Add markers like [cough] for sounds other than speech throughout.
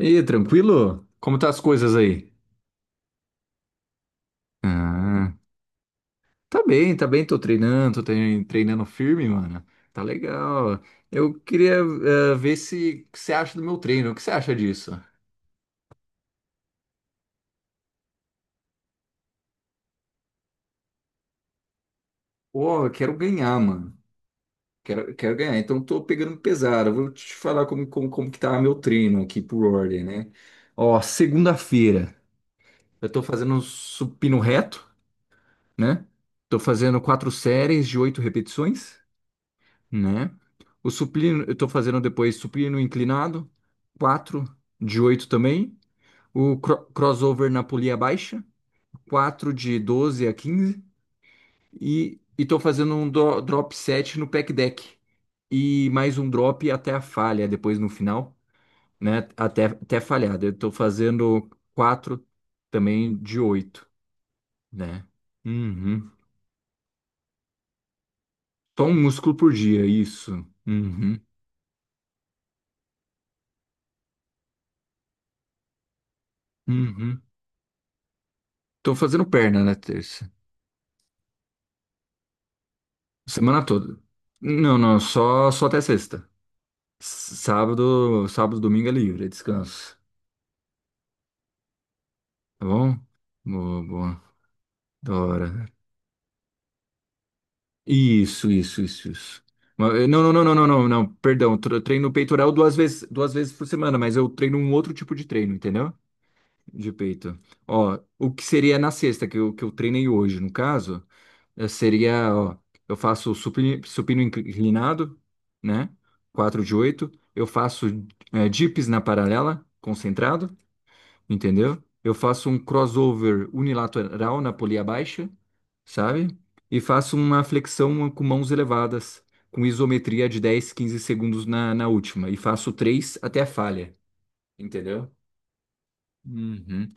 E tranquilo? Como tá as coisas aí? Ah, tá bem, tô treinando, treinando firme, mano. Tá legal. Eu queria ver se o que você acha do meu treino. O que você acha disso? Pô, eu quero ganhar, mano. Quero ganhar. Então tô pegando pesado. Eu vou te falar como que tá meu treino aqui por ordem, né? Ó, segunda-feira eu tô fazendo um supino reto, né? Tô fazendo quatro séries de oito repetições, né? O supino, eu tô fazendo depois supino inclinado, 4 de 8 também. O crossover na polia baixa, 4 de 12 a quinze. E tô fazendo um drop 7 no pec deck. E mais um drop até a falha, depois no final, né? Até, até falhar. Eu tô fazendo 4 também de oito, né? Uhum. Só um músculo por dia, isso. Uhum. Uhum. Tô fazendo perna na terça. Semana toda. Não, só, só até sexta. Sábado, sábado, domingo é livre, é descanso. Tá bom? Boa, boa. Da hora. Isso, isso, isso, isso. Não, não, não, não, não, não, não. Perdão, treino peitoral duas vezes por semana, mas eu treino um outro tipo de treino, entendeu? De peito. Ó, o que seria na sexta, que eu treinei hoje, no caso. Seria, ó, eu faço supino, supino inclinado, né? Quatro de oito. Eu faço dips na paralela, concentrado, entendeu? Eu faço um crossover unilateral na polia baixa, sabe? E faço uma flexão com mãos elevadas, com isometria de 10 15 segundos na, na última. E faço 3 até a falha, entendeu? Uhum.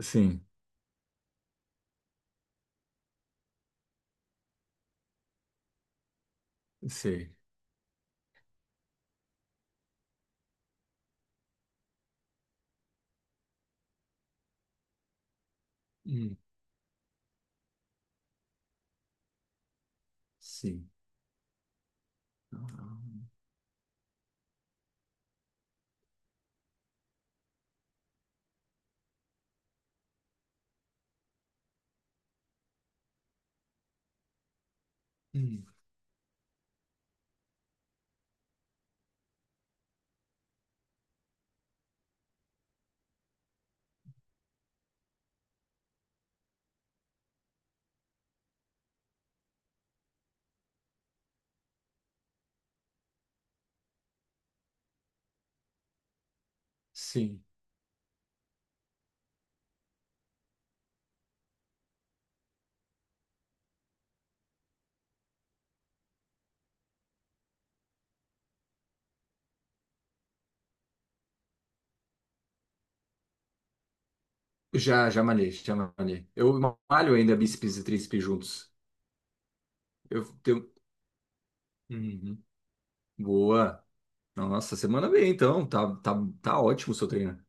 Sim, sei. Hum. Sim. Ah, hum. Sim. Já, já malhei, já malhei. Eu malho ainda bíceps e tríceps juntos. Eu tenho. Uhum. Boa. Nossa, semana bem, então. Tá, tá, tá ótimo o seu treino.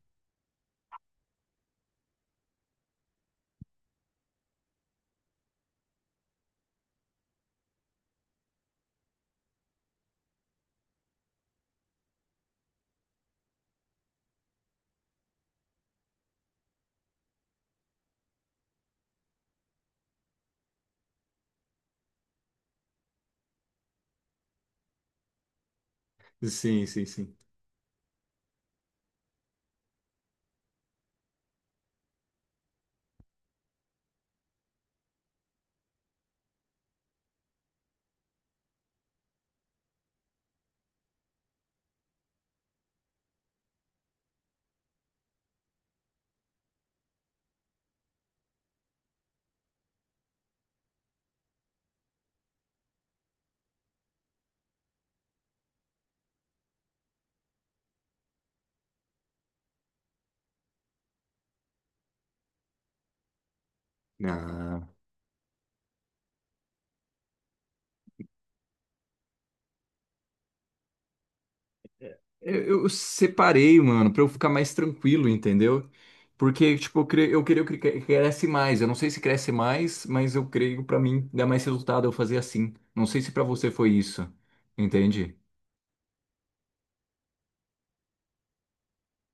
Sim, sim, sim. Ah, eu separei, mano, pra eu ficar mais tranquilo, entendeu? Porque, tipo, eu, eu queria que cresce mais. Eu não sei se cresce mais, mas eu creio pra mim dá mais resultado eu fazer assim. Não sei se pra você foi isso. Entende?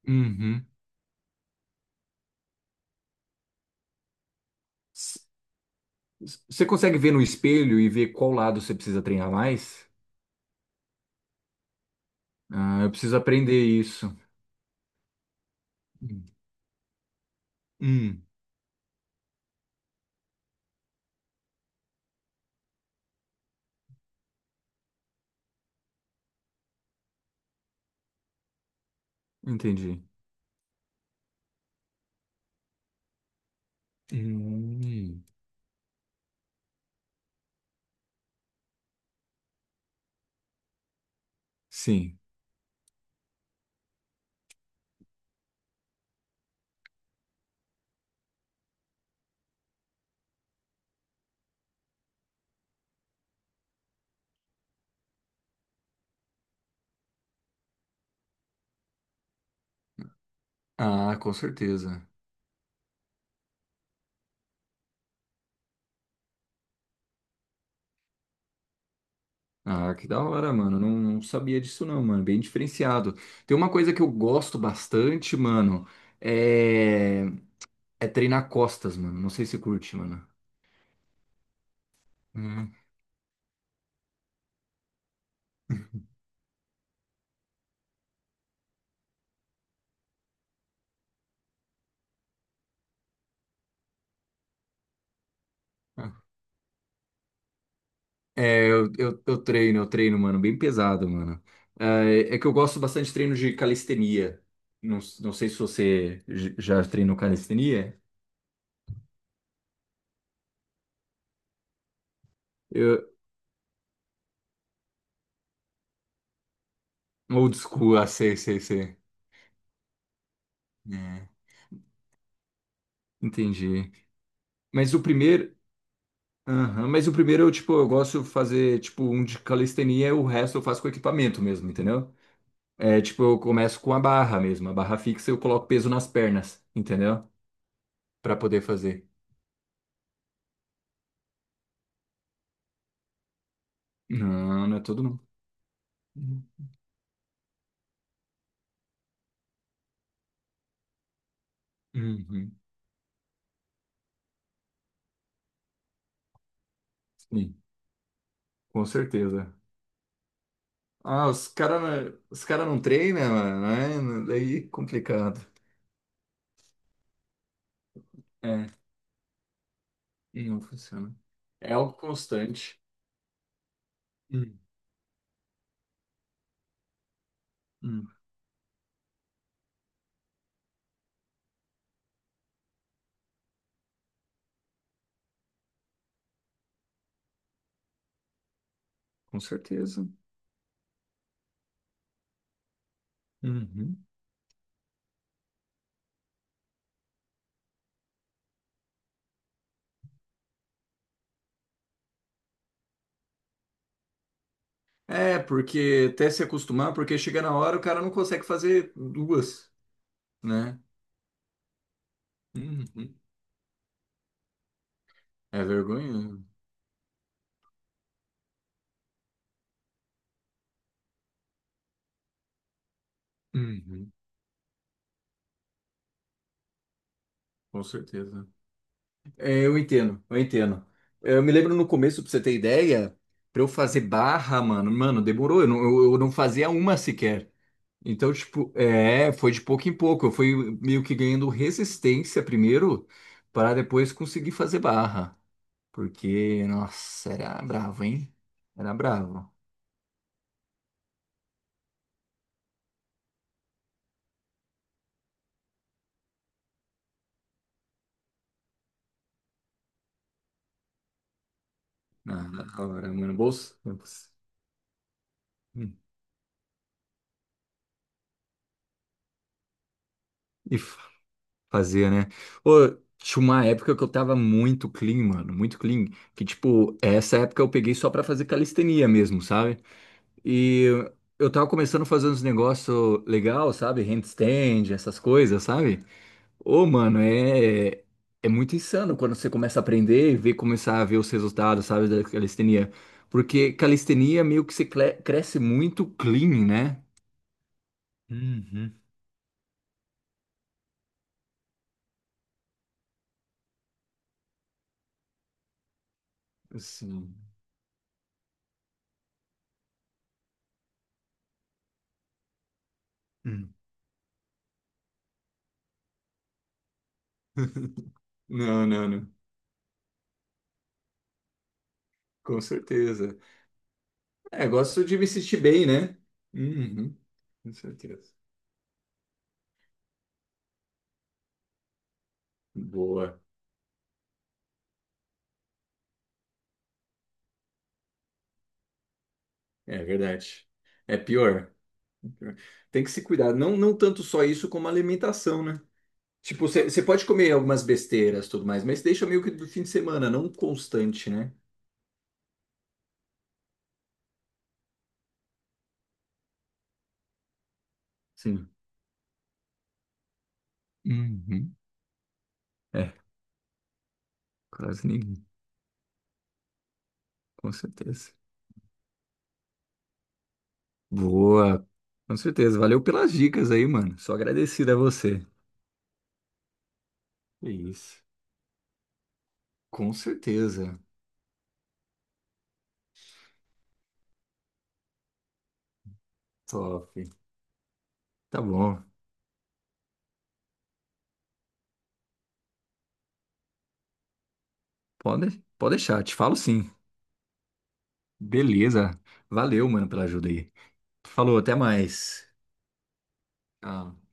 Uhum. Você consegue ver no espelho e ver qual lado você precisa treinar mais? Ah, eu preciso aprender isso. Hum. Hum, entendi. Hum, sim. Ah, com certeza. Ah, que da hora, mano. Não, não sabia disso não, mano. Bem diferenciado. Tem uma coisa que eu gosto bastante, mano, é, é treinar costas, mano. Não sei se curte, mano. Hum. É, eu treino, eu treino, mano, bem pesado, mano. É, é que eu gosto bastante de treino de calistenia. Não, não sei se você já treinou calistenia. Eu, old school, ah, sei, sei, sei. É, entendi. Mas o primeiro. Aham, mas o primeiro eu, tipo, eu gosto de fazer, tipo, um de calistenia e o resto eu faço com equipamento mesmo, entendeu? É, tipo, eu começo com a barra mesmo, a barra fixa eu coloco peso nas pernas, entendeu? Pra poder fazer. Não, não é todo não. Uhum. Uhum. Sim. Com certeza. Ah, os cara não treinam, mano, né? Daí é complicado. É, e não funciona. É algo constante. Hum. Hum, com certeza. Uhum. É, porque até se acostumar, porque chega na hora o cara não consegue fazer duas, né? Uhum. É vergonha, né? Uhum. Com certeza. É, eu entendo, eu entendo. Eu me lembro no começo, pra você ter ideia, pra eu fazer barra, mano, mano, demorou. Eu não fazia uma sequer. Então, tipo, é, foi de pouco em pouco. Eu fui meio que ganhando resistência primeiro, para depois conseguir fazer barra. Porque, nossa, era bravo, hein? Era bravo. Na na hora, mano, bolso. Hum. E f- fazia, né? Ô, tinha uma época que eu tava muito clean, mano, muito clean. Que, tipo, essa época eu peguei só pra fazer calistenia mesmo, sabe? E eu tava começando a fazer uns negócios legal, sabe? Handstand, essas coisas, sabe? Ô, mano, é, é muito insano quando você começa a aprender e ver, começar a ver os resultados, sabe, da calistenia. Porque calistenia meio que você cresce muito clean, né? Uhum. Assim. Hum. [laughs] Não, não, não. Com certeza. É, gosto de me sentir bem, né? Uhum. Com certeza. Boa. É verdade. É pior. Tem que se cuidar. Não, não tanto só isso como a alimentação, né? Tipo, você pode comer algumas besteiras e tudo mais, mas deixa meio que do fim de semana, não constante, né? Sim. Uhum. É, quase nenhum, com certeza. Boa, com certeza. Valeu pelas dicas aí, mano. Sou agradecido a você. É isso, com certeza. Top. Tá bom. Pode, pode deixar, te falo sim. Beleza. Valeu, mano, pela ajuda aí. Falou, até mais. Ah.